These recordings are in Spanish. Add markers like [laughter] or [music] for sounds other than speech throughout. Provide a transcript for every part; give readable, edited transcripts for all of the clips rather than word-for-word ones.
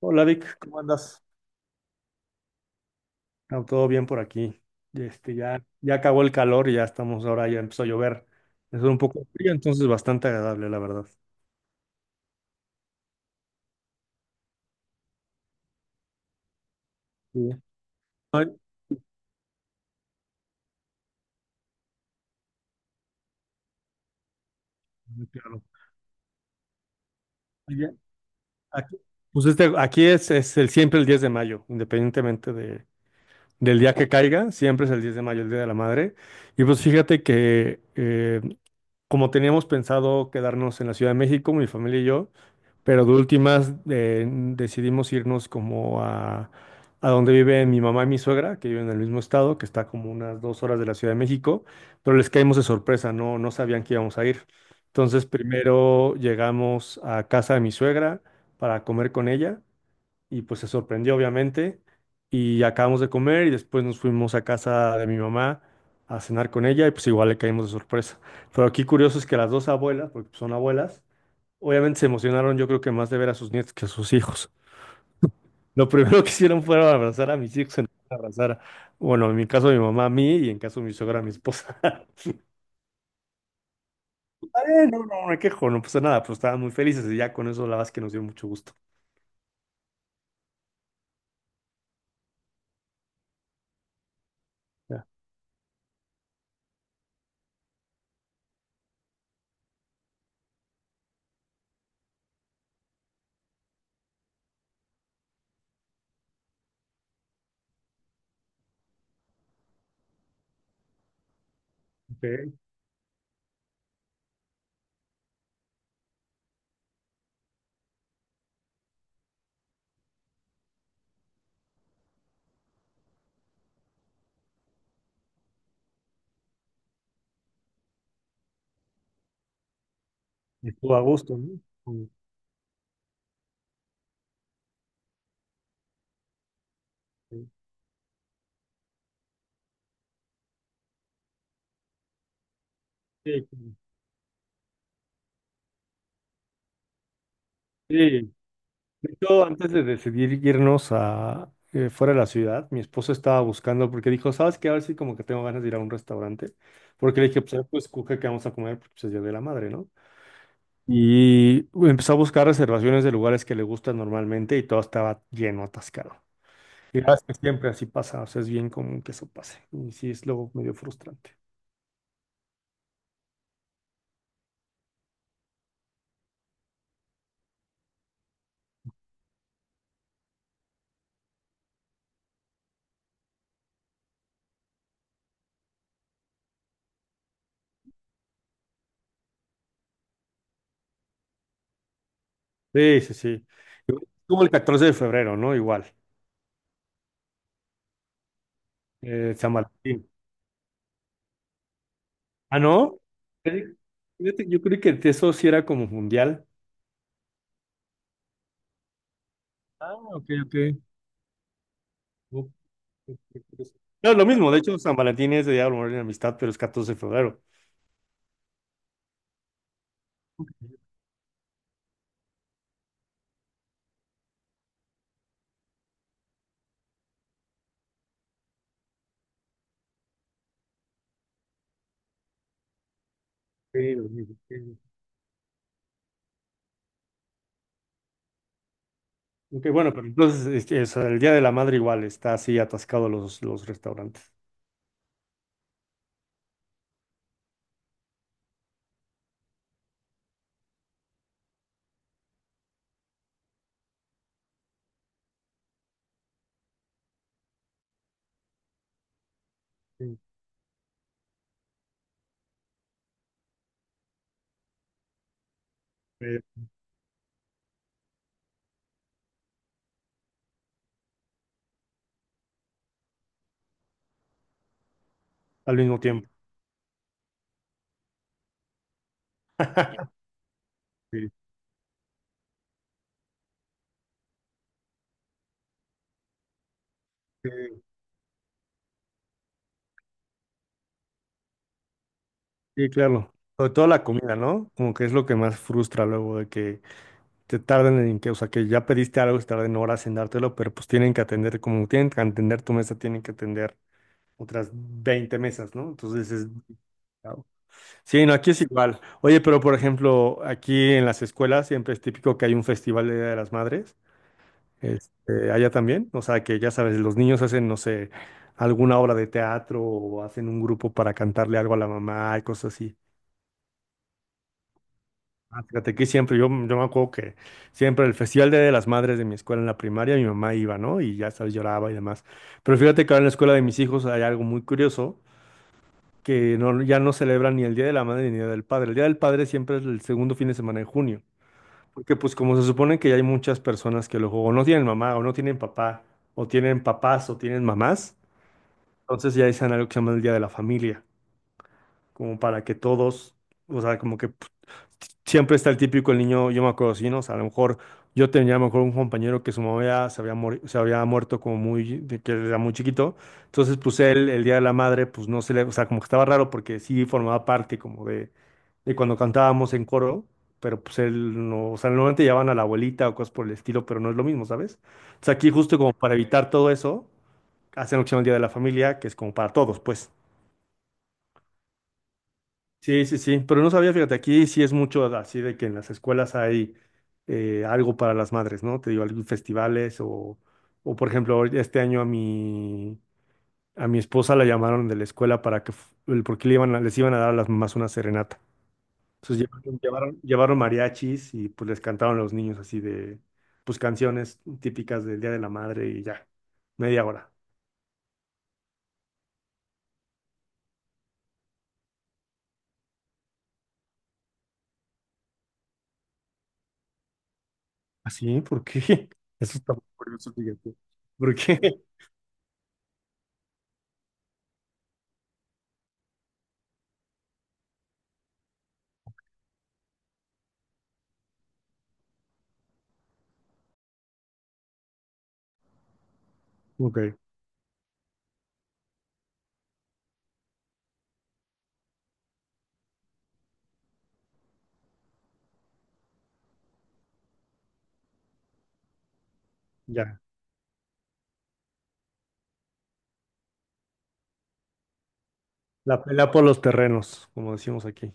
Hola Vic, ¿cómo andas? No, todo bien por aquí. Ya acabó el calor y ya estamos ahora, ya empezó a llover. Es un poco frío, entonces bastante agradable, la verdad. Sí. Ay, claro. Oye, aquí- aquí es el, siempre el 10 de mayo, independientemente del día que caiga, siempre es el 10 de mayo, el Día de la Madre. Y pues fíjate que como teníamos pensado quedarnos en la Ciudad de México, mi familia y yo. Pero de últimas decidimos irnos como a donde vive mi mamá y mi suegra, que viven en el mismo estado, que está como unas 2 horas de la Ciudad de México, pero les caímos de sorpresa, no, no sabían que íbamos a ir. Entonces primero llegamos a casa de mi suegra para comer con ella y pues se sorprendió obviamente, y acabamos de comer y después nos fuimos a casa de mi mamá a cenar con ella y pues igual le caímos de sorpresa. Pero aquí curioso es que las dos abuelas, porque son abuelas, obviamente se emocionaron, yo creo que más de ver a sus nietos que a sus hijos. Lo primero que hicieron fue abrazar a mis hijos, en lugar de abrazar, bueno, en mi caso mi mamá a mí y en caso de mi suegra a mi esposa. [laughs] Está bien, no, no me quejo, no pasa nada, pero estaban muy felices y ya con eso la verdad es que nos dio mucho gusto. Ya, ok, y estuvo a gusto, ¿no? Sí, sí. Sí. Sí. De hecho, antes de decidir irnos a fuera de la ciudad, mi esposa estaba buscando porque dijo, ¿sabes qué? A ver si como que tengo ganas de ir a un restaurante. Porque le dije, pues, a ver, pues escoge qué vamos a comer, porque pues, es Día de la Madre, ¿no? Y empezó a buscar reservaciones de lugares que le gustan normalmente y todo estaba lleno, atascado. Y la verdad es que siempre así pasa, o sea, es bien común que eso pase. Y sí, es luego medio frustrante. Sí, sí, sí. Como el 14 de febrero, ¿no? Igual. San Valentín. Ah, ¿no? Fíjate- fíjate, yo creo que eso sí era como mundial. Ah, ok, ok. No, es lo mismo, de hecho, San Valentín es de Día de Amor y Amistad, pero es 14 de febrero. Sí, lo mismo, sí. Ok, bueno, pero entonces o sea, el Día de la Madre igual está así atascado los restaurantes. Sí. eh, al mismo tiempo. Sí, sí, sí, claro. Sobre todo la comida, ¿no? Como que es lo que más frustra luego de que te tarden en que, o sea, que ya pediste algo y tarden horas en dártelo, pero pues tienen que atender, como tienen que atender tu mesa, tienen que atender otras 20 mesas, ¿no? Entonces es complicado. Sí, no, aquí es igual. Oye, pero por ejemplo, aquí en las escuelas siempre es típico que hay un festival de Día de las Madres. Allá también, o sea que ya sabes, los niños hacen, no sé, alguna obra de teatro o hacen un grupo para cantarle algo a la mamá y cosas así. Ah, fíjate que siempre, yo me acuerdo que siempre el Festival Día de las Madres de mi escuela en la primaria, mi mamá iba, ¿no? Y ya sabes, lloraba y demás. Pero fíjate que ahora en la escuela de mis hijos hay algo muy curioso, que no, ya no celebran ni el Día de la Madre ni el Día del Padre. El Día del Padre siempre es el segundo fin de semana de junio. Porque pues como se supone que ya hay muchas personas que luego o no tienen mamá o no tienen papá o tienen papás o tienen mamás, entonces ya dicen algo que se llama el Día de la Familia, como para que todos, o sea, como que pues, siempre está el típico el niño, yo me acuerdo, sí, ¿no? O sea, a lo mejor yo tenía a lo mejor un compañero que su mamá ya se había, se había muerto como muy, de que era muy chiquito, entonces pues él, el Día de la Madre, pues no se le, o sea, como que estaba raro porque sí formaba parte como de cuando cantábamos en coro, pero pues él no, o sea, normalmente llevaban a la abuelita o cosas por el estilo, pero no es lo mismo, ¿sabes? Entonces aquí justo como para evitar todo eso, hacen lo que se llama el Día de la Familia, que es como para todos, pues. Sí, sí, sí, pero no sabía, fíjate, aquí sí es mucho así de que en las escuelas hay algo para las madres, ¿no? Te digo, algún festivales o, por ejemplo, este año a mi esposa la llamaron de la escuela para que, porque les iban a dar a las mamás una serenata. Entonces llevaron, llevaron, llevaron mariachis y pues les cantaron a los niños así de, pues canciones típicas del Día de la Madre y ya, media hora. ¿Así? ¿Por qué? [laughs] Eso está muy curioso, fíjate. ¿Por qué? [laughs] Ok, ya. La pelea por los terrenos, como decimos aquí.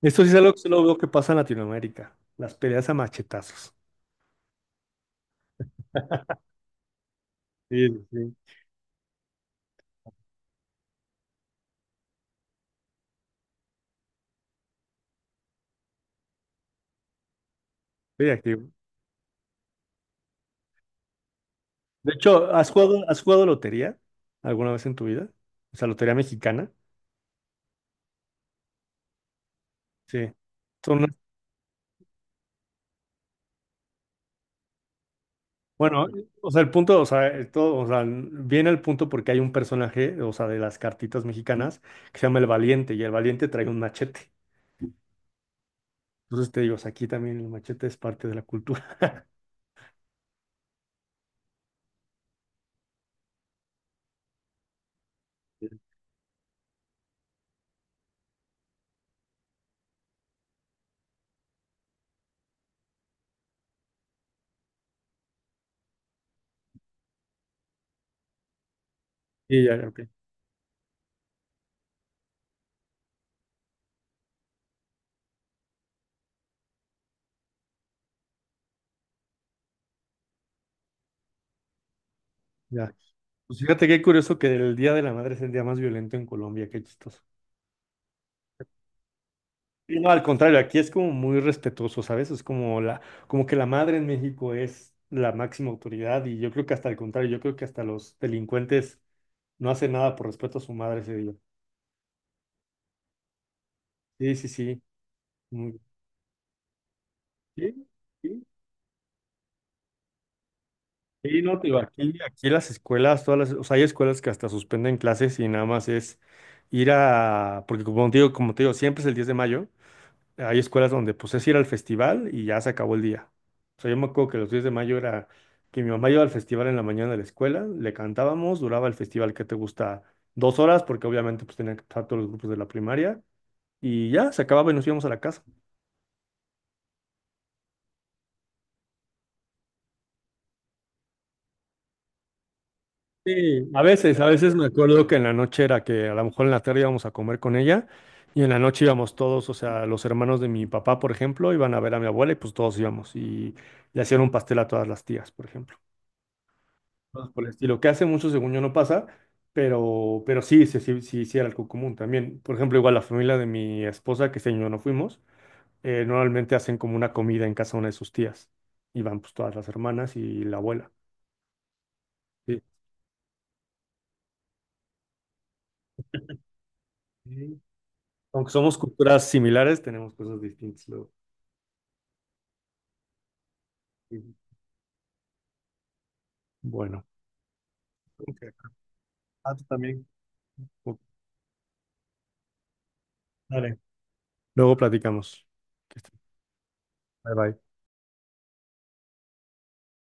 Esto sí es algo que solo veo que pasa en Latinoamérica, las peleas a machetazos. Sí, sí, sí. Sí, aquí. De hecho, has jugado lotería alguna vez en tu vida? O sea, lotería mexicana. Sí. Son unas- bueno, o sea, el punto, o sea, esto, o sea, viene el punto porque hay un personaje, o sea, de las cartitas mexicanas que se llama El Valiente y el Valiente trae un machete. Entonces te digo, o sea, aquí también el machete es parte de la cultura. Sí, ya, ya, ok. Ya. Pues fíjate qué curioso que el Día de la Madre es el día más violento en Colombia, qué chistoso. Y no, al contrario, aquí es como muy respetuoso, ¿sabes? Es como la, como que la madre en México es la máxima autoridad y yo creo que hasta el contrario, yo creo que hasta los delincuentes no hacen nada por respeto a su madre ese día. Sí, sí, sí. muy- Sí, sí. Sí, no, te digo, aquí, aquí las escuelas, todas las, o sea, hay escuelas que hasta suspenden clases y nada más es ir a, porque como te digo, siempre es el 10 de mayo. Hay escuelas donde pues es ir al festival y ya se acabó el día. O sea, yo me acuerdo que los 10 de mayo era que mi mamá iba al festival en la mañana de la escuela, le cantábamos, duraba el festival que te gusta 2 horas, porque obviamente pues tenían que estar todos los grupos de la primaria, y ya se acababa y nos íbamos a la casa. Sí, a veces me acuerdo que en la noche era que a lo mejor en la tarde íbamos a comer con ella, y en la noche íbamos todos, o sea, los hermanos de mi papá, por ejemplo, iban a ver a mi abuela y pues todos íbamos, y le hacían un pastel a todas las tías, por ejemplo. Cosas por el estilo, que hace mucho, según yo, no pasa, pero sí, sí, sí, sí, sí era algo común también. Por ejemplo, igual la familia de mi esposa, que este año no fuimos, normalmente hacen como una comida en casa de una de sus tías, y van pues todas las hermanas y la abuela. Sí. Sí. Aunque somos culturas similares, tenemos cosas distintas luego. Sí. Bueno, ok. Ah, tú también. Ok. Dale. Luego platicamos. Que estés- Bye bye.